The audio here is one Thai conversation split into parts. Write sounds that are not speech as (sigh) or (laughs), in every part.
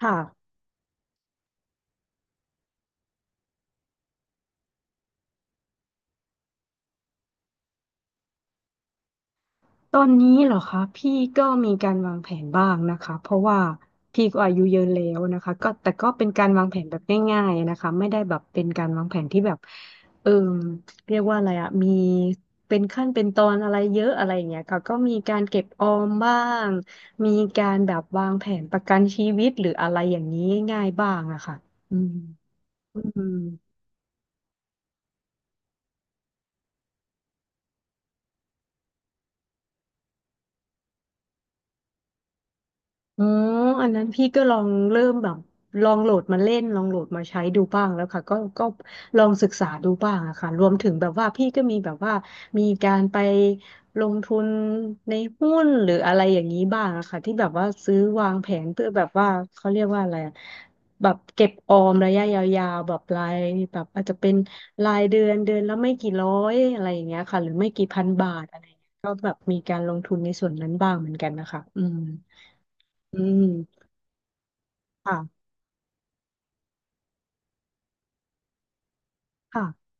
ค่ะตอนนี้เหรอคะพี่ก็มีการวางแผนบ้างนะคะเพราะว่าพี่ก็อายุเยอะแล้วนะคะก็แต่ก็เป็นการวางแผนแบบง่ายๆนะคะไม่ได้แบบเป็นการวางแผนที่แบบเออเรียกว่าอะไรอะมีเป็นขั้นเป็นตอนอะไรเยอะอะไรอย่างเงี้ยค่ะก็มีการเก็บออมบ้างมีการแบบวางแผนประกันชีวิตหรืออะไรอย่างนี้ง่ายๆบ้างอะค่ะอืมอืม อ๋ออันนั้นพี่ก็ลองเริ่มแบบลองโหลดมาเล่น ลองโหลดมาใช้ดูบ้างแล้วค่ะก็ลองศึกษาดูบ้างอะค่ะรวมถึงแบบว่าพี่ก็มีแบบว่ามีการไปลงทุนในหุ้นหรืออะไรอย่างนี้บ้างอะค่ะที่แบบว่าซื้อวางแผนเพื่อแบบว่าเขาเรียกว่าอะไรอะแบบเก็บออมระยะยาวๆแบบรายแบบอาจจะเป็นรายเดือนแล้วไม่กี่ร้อยอะไรอย่างเงี้ยค่ะหรือไม่กี่พันบาทอะไรอย่างเงี้ยก็แบบมีการลงทุนในส่วนนั้นบ้างเหมือนกันนะคะอืมอืม ค่ะค่ะ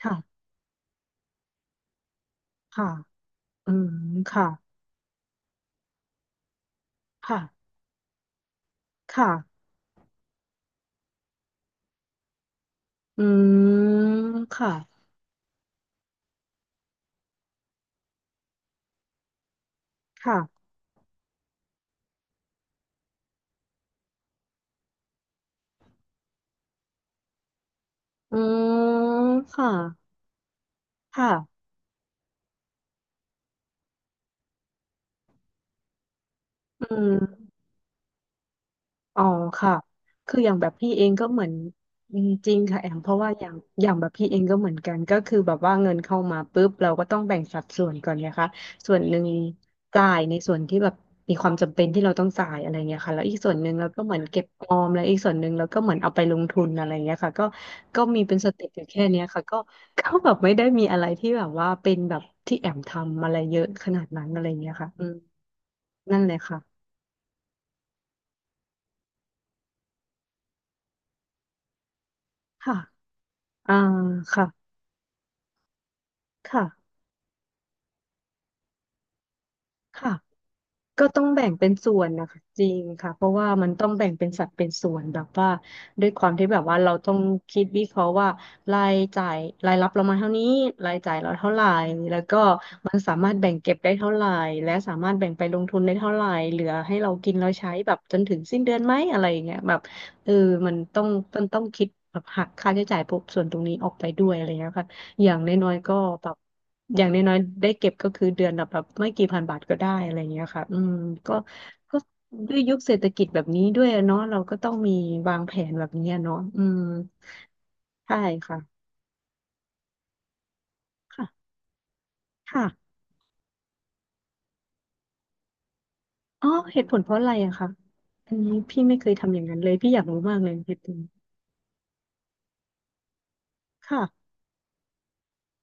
ค่ะค่ะอืมค่ะค่ะค่ะอืมค่ะค่ะอืมค่ะค่ะอืม อ๋อค่ะคืออย่างแบบพี่เองก็เหมือนอืมจริงค่ะแอมเพราะว่าอย่างอย่างแบบพี่เองก็เหมือนกันก็คือแบบว่าเงินเข้ามาปุ๊บเราก็ต้องแบ่งสัดส่วนก่อนไงคะส่วนหนึ่งจ่ายในส่วนที่แบบมีความจำเป็นที่เราต้องจ่ายอะไรเงี้ยค่ะแล้วอีกส่วนหนึ่งเราก็เหมือนเก็บออมแล้วอีกส่วนหนึ่งเราก็เหมือนเอาไปลงทุนอะไรเงี้ยค่ะก็ก็มีเป็นสเต็ปอยู่แค่เนี้ยค่ะก็ก็แบบไม่ได้มีอะไรที่แบบว่าเป็นแบบที่แอมทำอะไรเยอะขนาดนั้นอะไรเงี้ยค่ะอืมนั่นเลยค่ะค่ะอ่าค่ะค่ะค่ะ ก็ต้องแบ่งเป็นส่วนนะคะจริงค่ะเพราะว่ามันต้องแบ่งเป็นสัดเป็นส่วนแบบว่าด้วยความที่แบบว่าเราต้องคิดวิเคราะห์ว่ารายจ่ายรายรับเรามาเท่านี้รายจ่ายเราเท่าไหร่แล้วก็มันสามารถแบ่งเก็บได้เท่าไหร่และสามารถแบ่งไปลงทุนได้เท่าไหร่เหลือให้เรากินเราใช้แบบจนถึงสิ้นเดือนไหมอะไรอย่างเงี้ยแบบเออมันต้องมันต้องคิดแบบหักค่าใช้จ่ายพวกส่วนตรงนี้ออกไปด้วยอะไรเงี้ยค่ะ อย่างน้อยๆก็แบบอย่างน้อยๆได้เก็บก็คือเดือนละแบบไม่กี่พันบาทก็ได้อะไรอย่างเงี้ยค่ะอืมก็ก็ด้วยยุคเศรษฐกิจแบบนี้ด้วยเนาะเราก็ต้องมีวางแผนแบบนี้อะเนาะอืมใช่ค่ะค่ะค่ะอ๋อเหตุผลเพราะอะไรอะคะอันนี้พี่ไม่เคยทำอย่างนั้นเลยพี่อยากรู้มากเลยเหตุผลค่ะ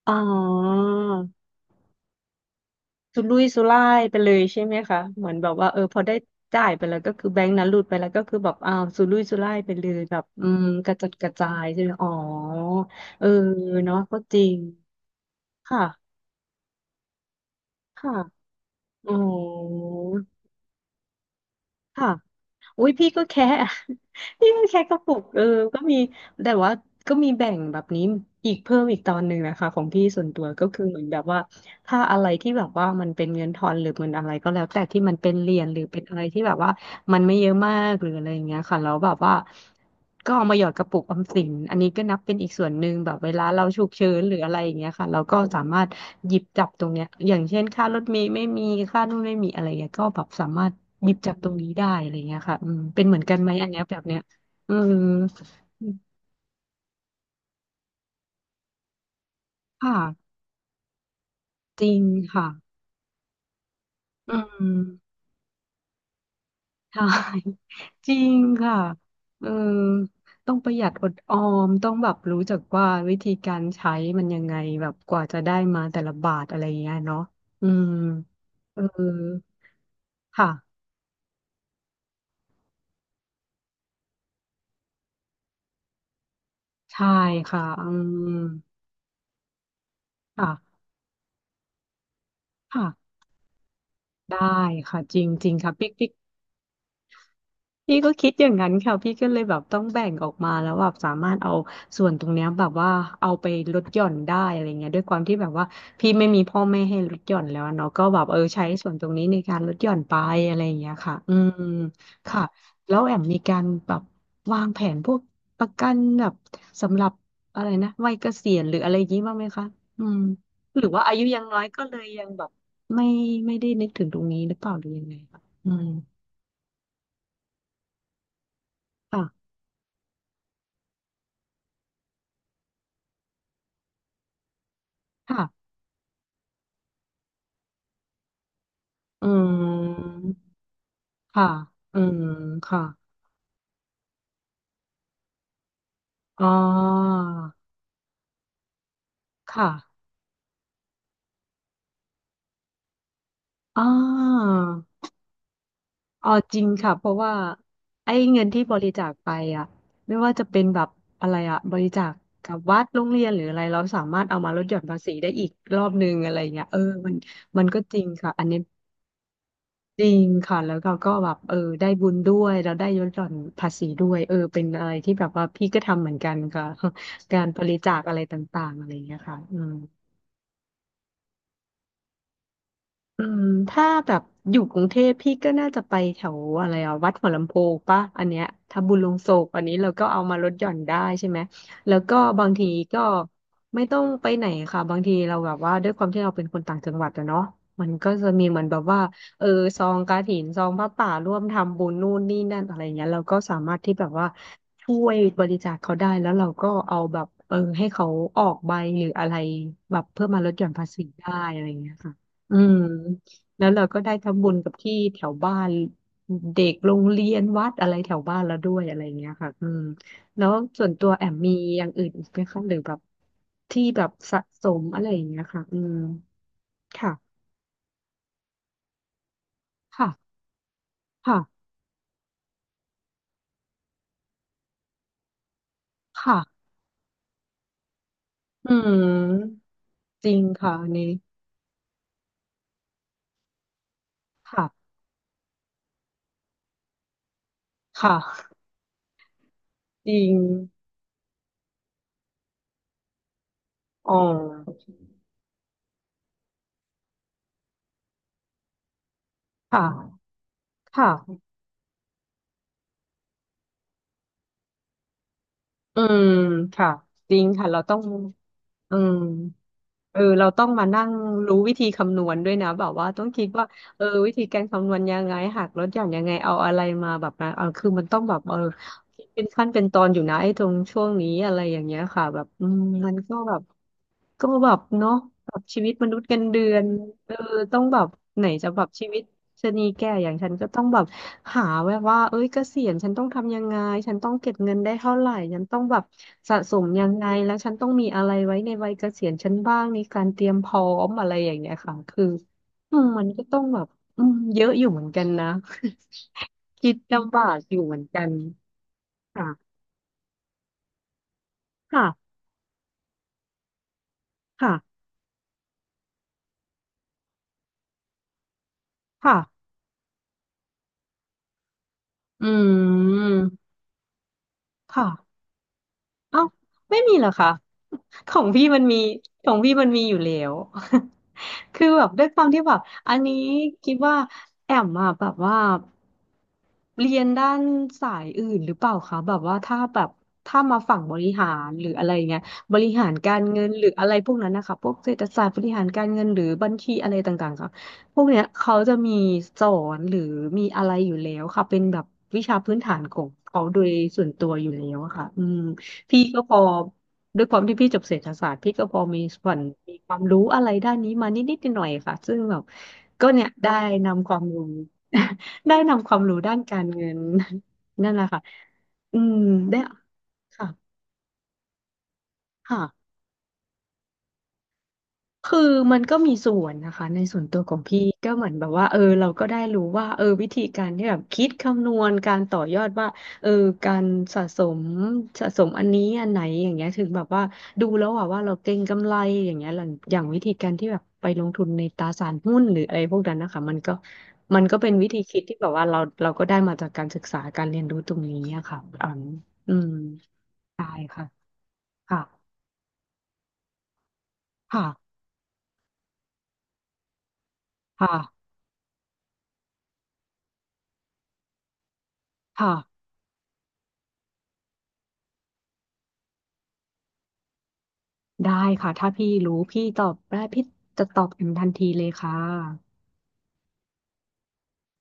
อ๋อ สุรุ่ยสุร่ายไปเลยใช่ไหมคะเหมือนแบบว่าเออพอได้จ่ายไปแล้วก็คือแบงค์นั้นหลุดไปแล้วก็คือแบบอ้าวสุรุ่ยสุร่ายไปเลยแบบอืมกระจัดกระจายใช่ไหมอ๋อเออเนาะก็จริงค่ะค่ะอ๋อค่ะอุ้ยพี่ก็แค่ (laughs) พี่ก็แค่กระปุกเออก็มีแต่ว่าก็มีแบ่งแบบนี้อีกเพิ่มอีกตอนหนึ่งนะคะของพี่ส่วนตัวก็คือเหมือนแบบว่า ถ้าอะไรที่แบบว่ามันเป็นเงินทอนหรือเงินอะไรก็แล้วแต่ที่มันเป็นเหรียญหรือเป็นอะไรที่แบบว่ามันไม่เยอะมากหรืออะไรอย่างเงี้ยค่ะแล้วแบบว่าก็เอามาหยอดกระปุกออมสินอันนี้ก็นับเป็นอีกส่วนหนึ่งแบบเวลาเราฉุกเฉินหรืออะไรอย่างเงี้ยค่ะเราก็สามารถหยิบจับตรงเนี้ยอย่างเช่นค่ารถเมล์ไม่มีค่านู่นไม่มีอะไรเงี้ยก็แบบสามารถหยิบจับตรงนี้ได้อะไรเงี้ยค่ะอืมเป็นเหมือนกันไหมอันเนี้ยแบบเนี้ยอืมค่ะจริงค่ะอืม ใช่ (laughs) จริงค่ะเออต้องประหยัดอดออมต้องแบบรู้จักว่าวิธีการใช้มันยังไงแบบกว่าจะได้มาแต่ละบาทอะไรอย่างเงี้ยเนาะอืมเออค่ะใช่ค่ะอืมค่ะค่ะได้ค่ะจริงจริงค่ะปิ๊กปิ๊ก พี่ก็คิดอย่างนั้นค่ะพี่ก็เลยแบบต้องแบ่งออกมาแล้วแบบสามารถเอาส่วนตรงเนี้ยแบบว่าเอาไปลดหย่อนได้อะไรเงี้ยด้วยความที่แบบว่าพี่ไม่มีพ่อแม่ให้ลดหย่อนแล้วอะเนาะก็แบบเออใช้ส่วนตรงนี้ในการลดหย่อนไปอะไรอย่างเงี้ยค่ะอืมค่ะแล้วแอมมีการแบบวางแผนพวกประกันแบบสำหรับอะไรนะวัยเกษียณหรืออะไรอย่างงี้บ้างไหมคะอืมหรือว่าอายุยังน้อยก็เลยยังแบบไม่ไม่ได้นึกถึงตรงนี้หรือเปล่าหรือยังไงคะอืมค่ะค่ะ อืมค่ะอืมค่ะอ๋อค่ะอ๋ออ๋อจริงค่ะเพราะว่าไอ้เงินที่บริจาคไปอ่ะไม่ว่าจะเป็นแบบอะไรอ่ะบริจาคกับวัดโรงเรียนหรืออะไรเราสามารถเอามาลดหย่อนภาษีได้อีกรอบนึงอะไรเงี้ยเออมันมันก็จริงค่ะอันนี้จริงค่ะแล้วเราก็แบบเออได้บุญด้วยแล้วได้ลดหย่อนภาษีด้วยเออเป็นอะไรที่แบบว่าพี่ก็ทำเหมือนกันค่ะ (laughs) การบริจาคอะไรต่างๆอะไรเงี้ยค่ะอืม อืมถ้าแบบอยู่กรุงเทพพี่ก็น่าจะไปแถวอะไรอ่ะวัดหัวลำโพงปะอันเนี้ยถ้าบุญลงโศกอันนี้เราก็เอามาลดหย่อนได้ใช่ไหมแล้วก็บางทีก็ไม่ต้องไปไหนค่ะบางทีเราแบบว่าด้วยความที่เราเป็นคนต่างจังหวัดอะเนาะมันก็จะมีเหมือนแบบว่าเออซองกฐินซองผ้าป่าร่วมทำบุญนู่นนี่นั่นอะไรเงี้ยเราก็สามารถที่แบบว่าช่วยบริจาคเขาได้แล้วเราก็เอาแบบเออให้เขาออกใบหรืออะไรแบบเพื่อมาลดหย่อนภาษีได้อะไรเงี้ยค่ะ อืมแล้วเราก็ได้ทำบุญกับที่แถวบ้านเด็กโรงเรียนวัดอะไรแถวบ้านเราด้วยอะไรเงี้ยค่ะอืมแล้วส่วนตัวแอมมีอย่างอื่นอีกไหมคะหรือแบบที่แบบสะสมอะไรอย่างเงี้ยค่ะอืมค่ะค่ะค่ะค่ะอืมจริงค่ะอันนี้ค่ะค่ะจริงอ๋อค่ะค่ะอืมค่ะจริงค่ะเราต้องอืม เออเราต้องมานั่งรู้วิธีคำนวณด้วยนะแบบว่าต้องคิดว่าเออวิธีการคำนวณยังไงหักลดหย่อนยังไงเอาอะไรมาแบบนั้นเออคือมันต้องแบบเออคิดเป็นขั้นเป็นตอนอยู่นะไอ้ตรงช่วงนี้อะไรอย่างเงี้ยค่ะแบบอืมมันก็แบบ ก็แบบเนาะแบบชีวิตมนุษย์เงินเดือนเออต้องแบบไหนจะแบบชีวิตชะนีแก่อย่างฉันก็ต้องแบบหาแวบว่าเอ้ยเกษียณฉันต้องทำยังไงฉันต้องเก็บเงินได้เท่าไหร่ฉันต้องแบบสะสมยังไงแล้วฉันต้องมีอะไรไว้ในวัยเกษียณฉันบ้างมีการเตรียมพร้อมอะไรอย่างเงี้ยค่ะคืออืมมันก็ต้องแบบอืมเยอะอยู่เหมือนกันนะ (laughs) คิดลำบากอยู่เหมือนกันค่ะค่ะค่ะค่ะอืมค่ะ เอ้าไม่มีเหรอคะของพี่มันมีของพี่มันมีอยู่แล้ว (laughs) คือแบบด้วยความที่แบบอันนี้คิดว่าแอมอะแบบว่าเรียนด้านสายอื่นหรือเปล่าคะแบบว่าถ้าแบบถ้ามาฝั่งบริหารหรืออะไรเงี้ยบริหารการเงินหรืออะไรพวกนั้นนะคะพวกเศรษฐศาสตร์บริหารการเงินหรือบัญชีอะไรต่างๆค่ะพวกเนี้ยเขาจะมีสอนหรือมีอะไรอยู่แล้วค่ะเป็นแบบวิชาพื้นฐานของเขาโดยส่วนตัวอยู่แล้วอะค่ะอืม พี่ก็พอด้วยความที่พี่จบเศรษฐศาสตร์พี่ก็พอมีส่วนมีความรู้อะไรด้านนี้มานิดหน่อยๆค่ะซึ่งแบบก็เนี่ยได้นำความรู้ (laughs) ได้นำความรู้ด้านการเงิน (laughs) นั่นแหละค่ะอืมได้ค่ะค่ะ คือมันก็มีส่วนนะคะในส่วนตัวของพี่ก็เหมือนแบบว่าเออเราก็ได้รู้ว่าเออวิธีการที่แบบคิดคำนวณการต่อยอดว่าเออการสะสมสะสมอันนี้อันไหนอย่างเงี้ยถึงแบบว่าดูแล้วอะว่าเราเก็งกำไรอย่างเงี้ยหลังอย่างวิธีการที่แบบไปลงทุนในตราสารหุ้นหรืออะไรพวกนั้นนะคะมันก็เป็นวิธีคิดที่แบบว่าเราก็ได้มาจากการศึกษาการเรียนรู้ตรงนี้อะค่ะอืมอืมใช่ค่ะค่ะค่ะค่ะค่ะ ได้ค่ะถ้าพี่รู้พี่ตอบได้พี่จะตอบอย่างทันทีเลยค่ะ